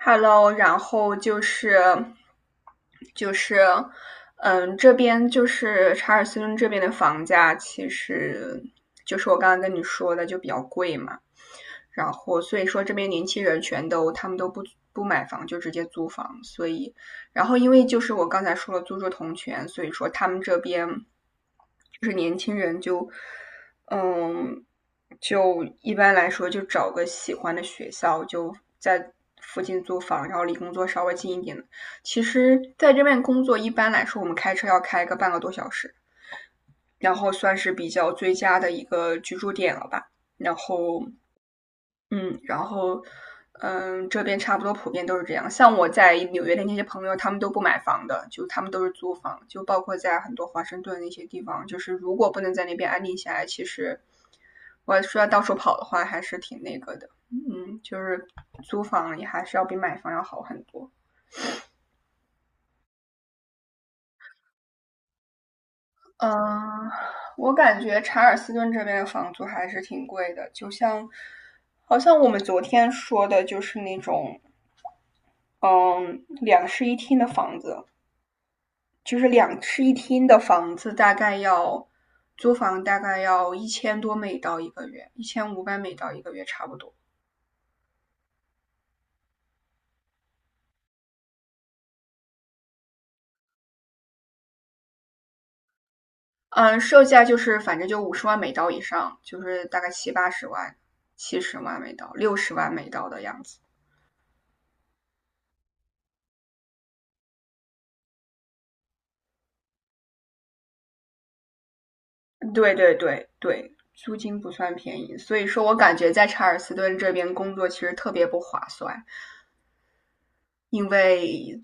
Hello，然后就是这边就是查尔斯顿这边的房价，其实就是我刚刚跟你说的就比较贵嘛。然后所以说这边年轻人全都他们都不买房，就直接租房，所以然后因为就是我刚才说了租住同权，所以说他们这边就是年轻人嗯就一般来说就找个喜欢的学校就在附近租房，然后离工作稍微近一点的。其实，在这边工作一般来说，我们开车要开个半个多小时，然后算是比较最佳的一个居住点了吧。然后嗯，然后，这边差不多普遍都是这样。像我在纽约的那些朋友，他们都不买房的，就他们都是租房，就包括在很多华盛顿那些地方，就是如果不能在那边安定下来，其实我需要到处跑的话，还是挺那个的。嗯，就是租房也还是要比买房要好很多。嗯，我感觉查尔斯顿这边的房租还是挺贵的，就像好像我们昨天说的，就是那种嗯两室一厅的房子，就是两室一厅的房子，大概要租房大概要1000多美刀一个月，1500美刀一个月差不多。嗯，售价就是反正就50万美刀以上，就是大概七八十万、70万美刀、60万美刀的样子。对对对对，租金不算便宜，所以说我感觉在查尔斯顿这边工作其实特别不划算，因为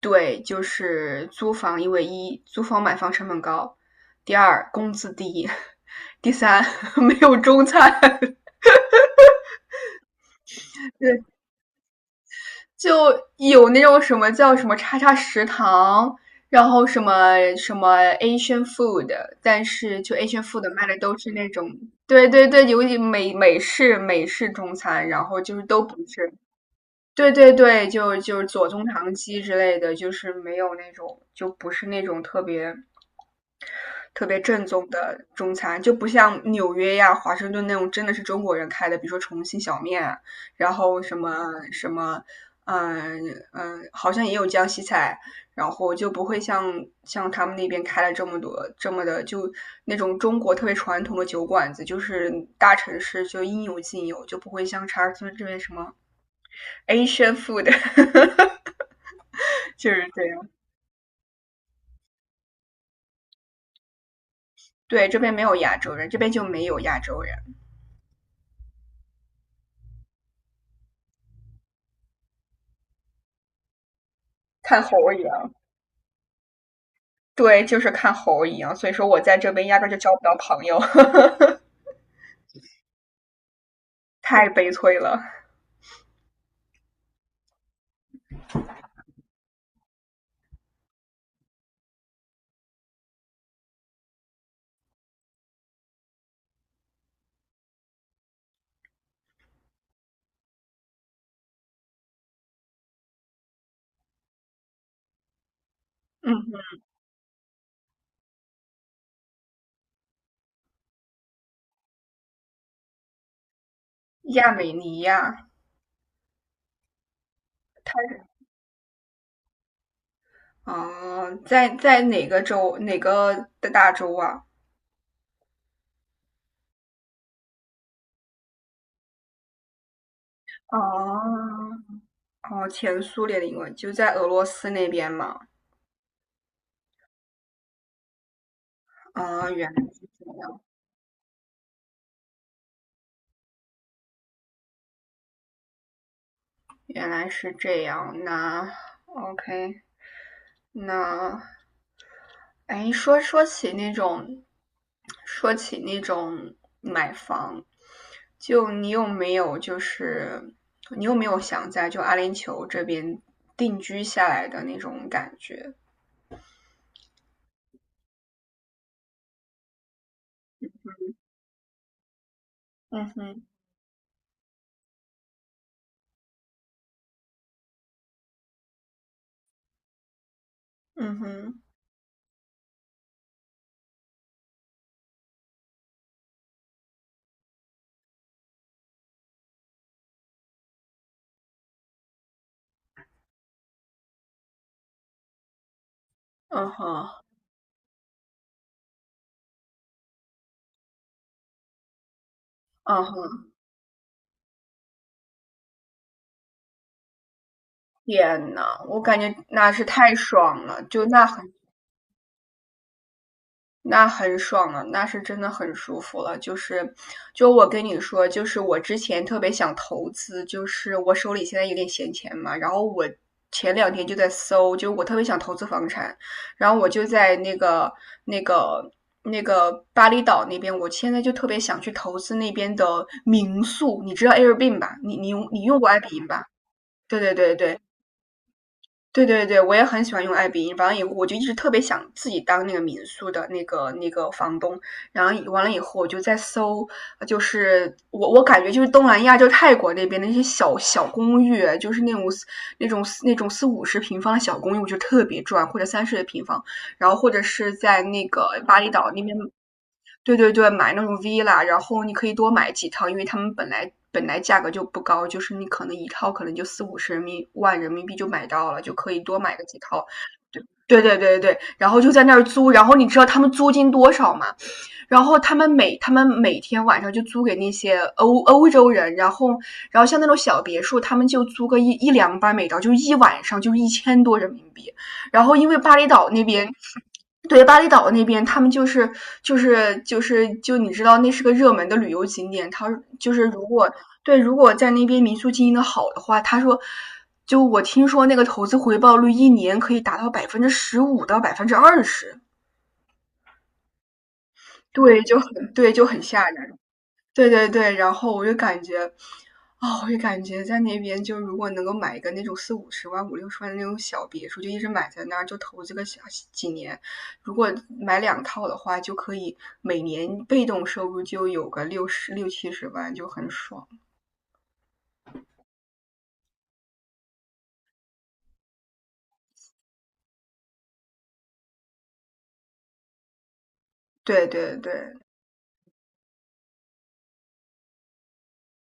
对，就是租房，因为一租房买房成本高，第二工资低，第三 没有中餐，就有那种什么叫什么叉叉食堂，然后什么什么 Asian food，但是就 Asian food 卖的都是那种，对对对，有一美式中餐，然后就是都不是。对对对，就是左宗棠鸡之类的，就是没有那种，就不是那种特别特别正宗的中餐，就不像纽约呀、华盛顿那种真的是中国人开的，比如说重庆小面啊，然后什么什么，嗯嗯，好像也有江西菜，然后就不会像他们那边开了这么多这么的，就那种中国特别传统的酒馆子，就是大城市就应有尽有，就不会像查尔斯这边什么 Asian food，就是这样。对，这边没有亚洲人，这边就没有亚洲人，看猴一样。对，就是看猴一样，所以说我在这边压根儿就交不到朋友，太悲催了。嗯，亚美尼亚，它哦，在哪个州？哪个的大洲啊？哦哦，前苏联的英文就在俄罗斯那边嘛。啊、原来是这样，那 OK，那，哎，说起那种买房，就你有没有想在就阿联酋这边定居下来的那种感觉？嗯哼，嗯哼，嗯哼，嗯哼，天呐，我感觉那是太爽了，就那很。那很爽了，那是真的很舒服了。就是，就我跟你说，就是我之前特别想投资，就是我手里现在有点闲钱嘛，然后我前两天就在搜，就我特别想投资房产，然后我就在那个那个巴厘岛那边，我现在就特别想去投资那边的民宿，你知道 Airbnb 吧？你用过 Airbnb 吧？对对对对，对对对，我也很喜欢用爱彼迎。完了以后，我就一直特别想自己当那个民宿的那个房东。然后完了以后，我就在搜，就是我感觉就是东南亚，就是泰国那边的那些小小公寓，就是那种四五十平方的小公寓，我就特别赚，或者三十的平方。然后或者是在那个巴厘岛那边对对对，买那种 villa，然后你可以多买几套，因为他们本来价格就不高，就是你可能一套可能就四五十人民万人民币就买到了，就可以多买个几套。对对对对，然后就在那儿租，然后你知道他们租金多少吗？然后他们每天晚上就租给那些欧洲人，然后像那种小别墅，他们就租个一两百美刀，就一晚上就1000多人民币。然后因为巴厘岛那边对，巴厘岛那边，他们就是就你知道，那是个热门的旅游景点。他就是如果对，如果在那边民宿经营的好的话，他说，就我听说那个投资回报率一年可以达到15%到20%，对，就很对，就很吓人。对对对，然后我就感觉，哦，我就感觉在那边，就如果能够买一个那种四五十万、五六十万的那种小别墅，就一直买在那儿，就投资个小几年。如果买两套的话，就可以每年被动收入就有个六七十万，就很爽。对对对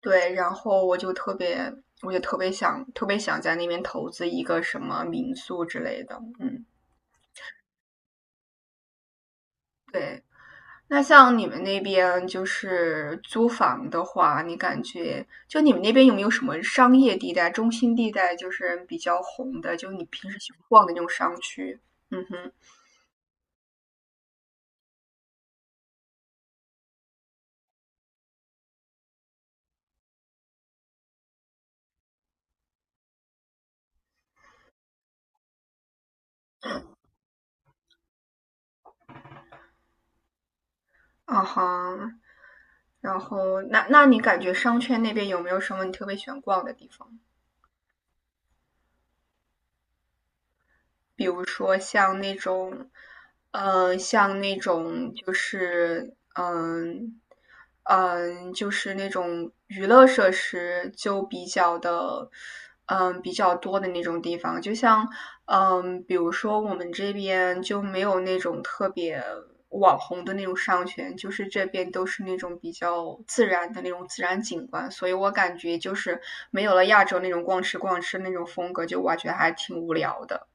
对，然后我就特别想，特别想在那边投资一个什么民宿之类的。嗯，对。那像你们那边就是租房的话，你感觉就你们那边有没有什么商业地带、中心地带，就是比较红的，就你平时喜欢逛的那种商区？嗯哼，啊哈，然后那你感觉商圈那边有没有什么你特别喜欢逛的地方？比如说像那种，像那种就是，嗯嗯，就是那种娱乐设施就比较的，比较多的那种地方。就像，比如说我们这边就没有那种特别网红的那种商圈，就是这边都是那种比较自然的那种自然景观，所以我感觉就是没有了亚洲那种逛吃逛吃那种风格，就我觉得还挺无聊的。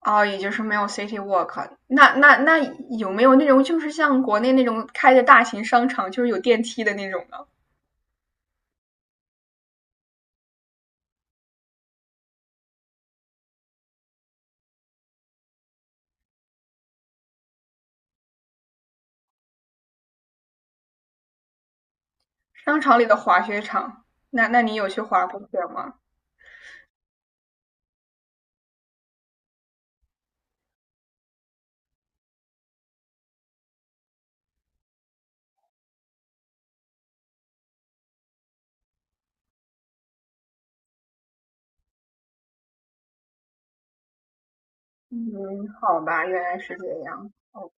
哦，也就是没有 City Walk。那有没有那种就是像国内那种开的大型商场，就是有电梯的那种呢？商场里的滑雪场，那你有去滑过雪吗？嗯，好吧，原来是这样。OK。